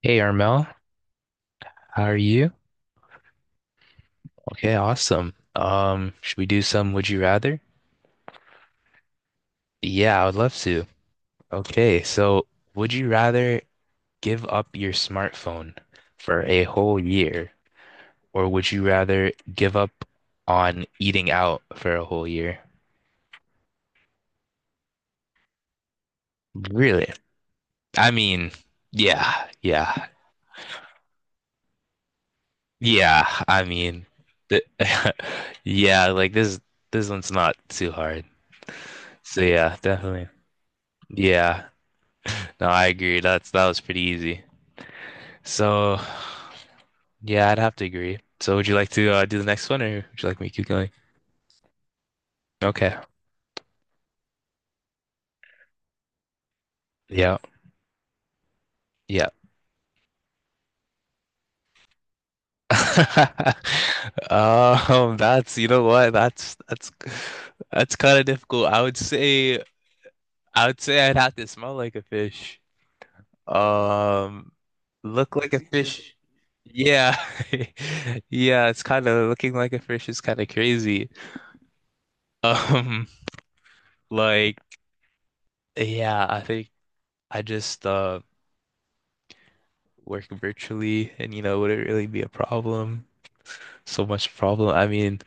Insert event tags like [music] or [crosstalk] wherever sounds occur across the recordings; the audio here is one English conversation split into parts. Hey Armel, how are you? Okay, awesome. Should we do some would you rather? Yeah, I would love to. Okay, so would you rather give up your smartphone for a whole year, or would you rather give up on eating out for a whole year? Really? I mean, yeah, yeah, yeah. I mean, th [laughs] yeah, like this one's not too hard. So yeah, definitely. Yeah. No, I agree. That was pretty easy. So, yeah, I'd have to agree. So, would you like to do the next one, or would you like me to keep going? Okay. Yeah. Yeah. [laughs] That's you know what? That's kind of difficult. I would say I'd have to smell like a fish. Um, look like a fish. Yeah. [laughs] Yeah, it's kind of looking like a fish is kind of crazy. [laughs] Um, like yeah, I think I just work virtually and you know, would it really be a problem? So much problem. I mean,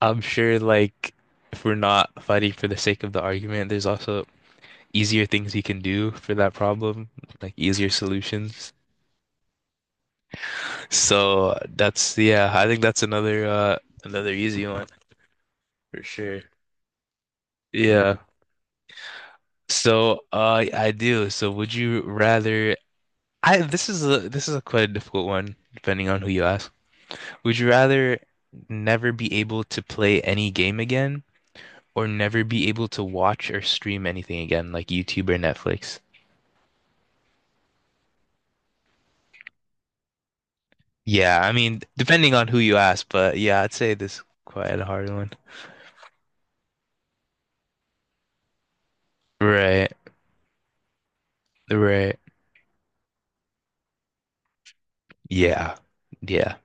I'm sure like if we're not fighting for the sake of the argument, there's also easier things you can do for that problem, like easier solutions. [laughs] So that's yeah, I think that's another another easy one for sure. Yeah. So I do. So would you rather I this is a quite a difficult one depending on who you ask. Would you rather never be able to play any game again or never be able to watch or stream anything again, like YouTube or Netflix? Yeah, I mean, depending on who you ask, but yeah, I'd say this is quite a hard one. Right, right. Yeah, yeah,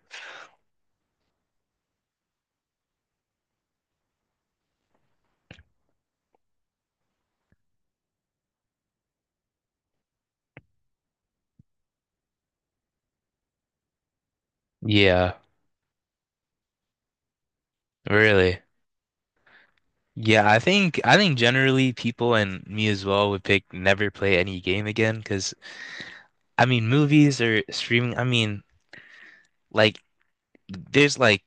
yeah, really. Yeah, I think generally people and me as well would pick never play any game again because I mean movies or streaming, I mean like there's like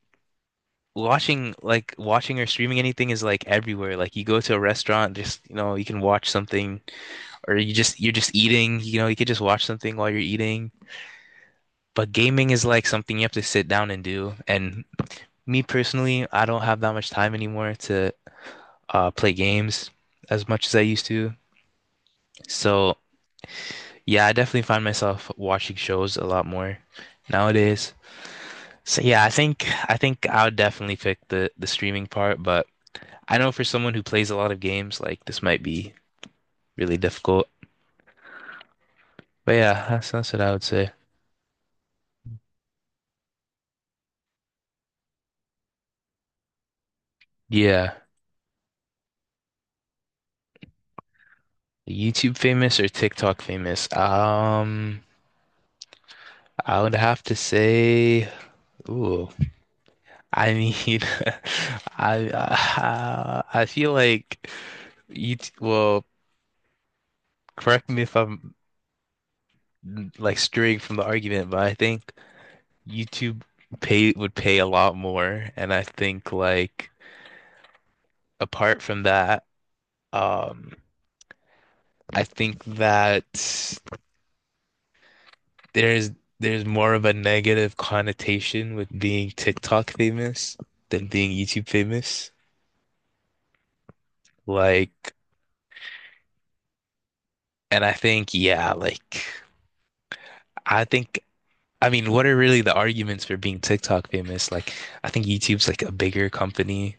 watching like watching or streaming anything is like everywhere. Like you go to a restaurant, just you know, you can watch something, or you're just eating, you know, you could just watch something while you're eating. But gaming is like something you have to sit down and do. And me personally, I don't have that much time anymore to play games as much as I used to. So yeah, I definitely find myself watching shows a lot more nowadays. So yeah, I think I would definitely pick the streaming part, but I know for someone who plays a lot of games, like this might be really difficult. But yeah, that's what I would say. Yeah, YouTube famous or TikTok famous? I would have to say, ooh, I mean, [laughs] I feel like you. Well, correct me if I'm like straying from the argument, but I think YouTube pay would pay a lot more, and I think like apart from that, um, I think that there's there's more of a negative connotation with being TikTok famous than being YouTube famous. Like, and I think, yeah, like I think I mean, what are really the arguments for being TikTok famous? Like, I think YouTube's like a bigger company,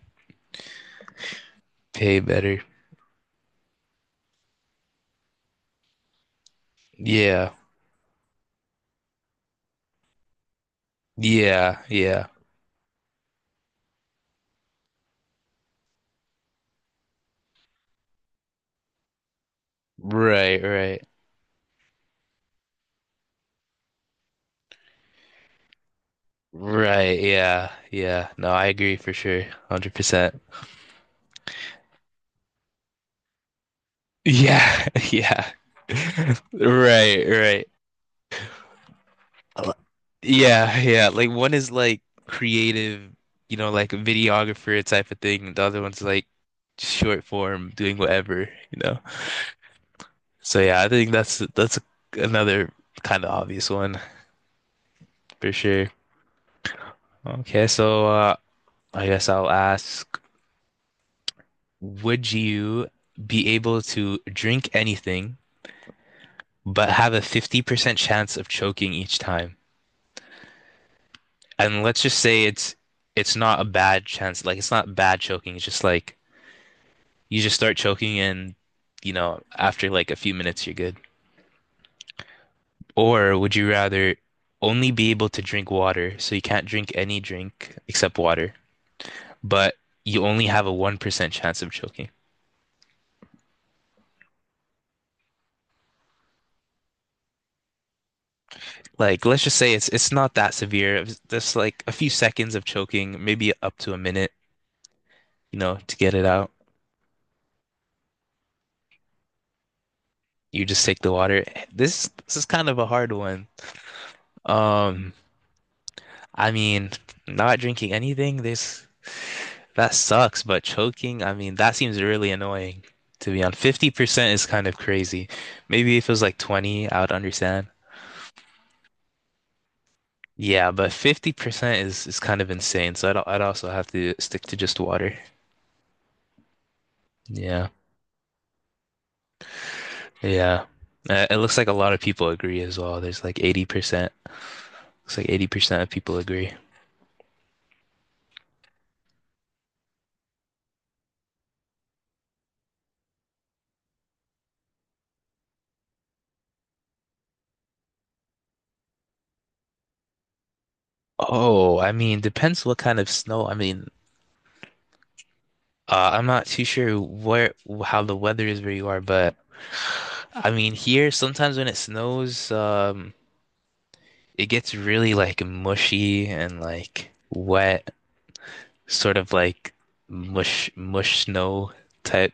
pay better. Yeah. Yeah, yeah. Right, right. Right, yeah, yeah. No, I agree for sure. 100%. Yeah, [laughs] yeah. [laughs] Right, right. Uh, Yeah, yeah. Like one is like creative, you know, like a videographer type of thing, and the other one's like short form doing whatever, you know. So yeah, I think that's another kind of obvious one for sure. Okay, so I guess I'll ask, would you be able to drink anything but have a 50% chance of choking each time? And let's just say it's not a bad chance. Like it's not bad choking. It's just like you just start choking and you know, after like a few minutes you're good. Or would you rather only be able to drink water, so you can't drink any drink except water, but you only have a 1% chance of choking? Like let's just say it's not that severe. It's just like a few seconds of choking, maybe up to a minute, you know, to get it out. You just take the water. This is kind of a hard one. Um I mean, not drinking anything, this that sucks, but choking, I mean, that seems really annoying to be on. 50% is kind of crazy. Maybe if it was like 20, I would understand. Yeah, but 50% is kind of insane. So I'd also have to stick to just water. Yeah. Yeah. It looks like a lot of people agree as well. There's like 80%. Looks like 80% of people agree. Oh, I mean, depends what kind of snow. I mean, I'm not too sure where how the weather is where you are, but I mean here sometimes when it snows, it gets really like mushy and like wet, sort of like mush snow type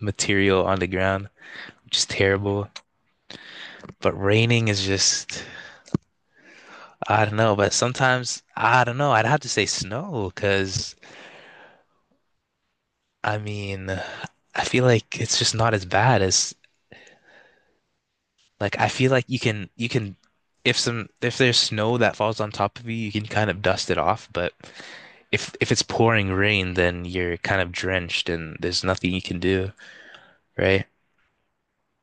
material on the ground, which is terrible. But raining is just I don't know. But sometimes I don't know. I'd have to say snow because I mean I feel like it's just not as bad as like I feel like you can if some if there's snow that falls on top of you, you can kind of dust it off, but if it's pouring rain, then you're kind of drenched and there's nothing you can do, right?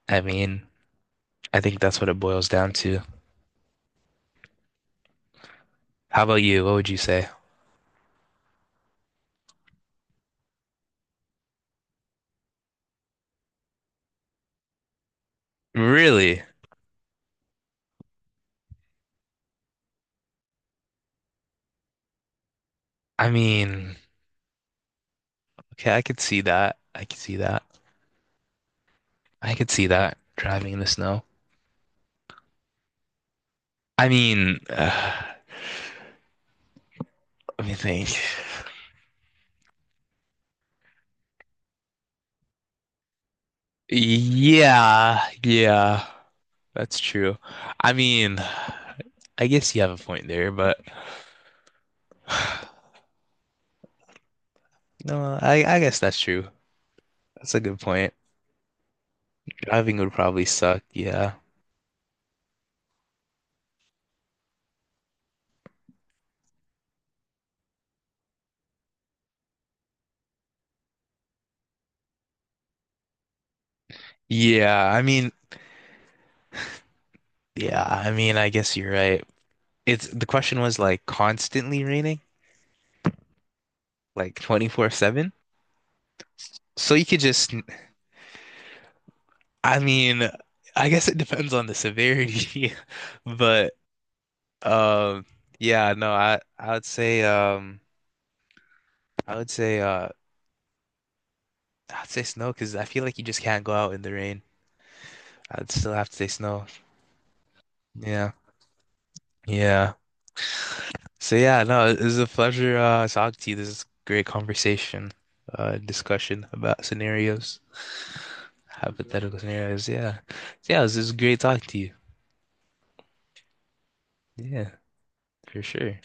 I mean, I think that's what it boils down to. How about you? What would you say? Really? I mean, okay, I could see that. I could see that driving in the snow. I mean, let me think. Yeah, yeah. That's true. I mean, I guess you have a point there, but [sighs] no, I guess that's true. That's a good point. Driving would probably suck. Yeah. Yeah, I mean, yeah, I mean, I guess you're right. It's the question was like constantly raining, like 24/7. So you could just I mean, I guess it depends on the severity, [laughs] but um yeah, no, I would say I would say uh I'd say snow because I feel like you just can't go out in the rain. I'd still have to say snow. Yeah. Yeah. So yeah, no, it was a pleasure talking to you. This is great conversation, discussion about scenarios, hypothetical scenarios. Yeah. So, yeah, this is great talking to you. Yeah, for sure.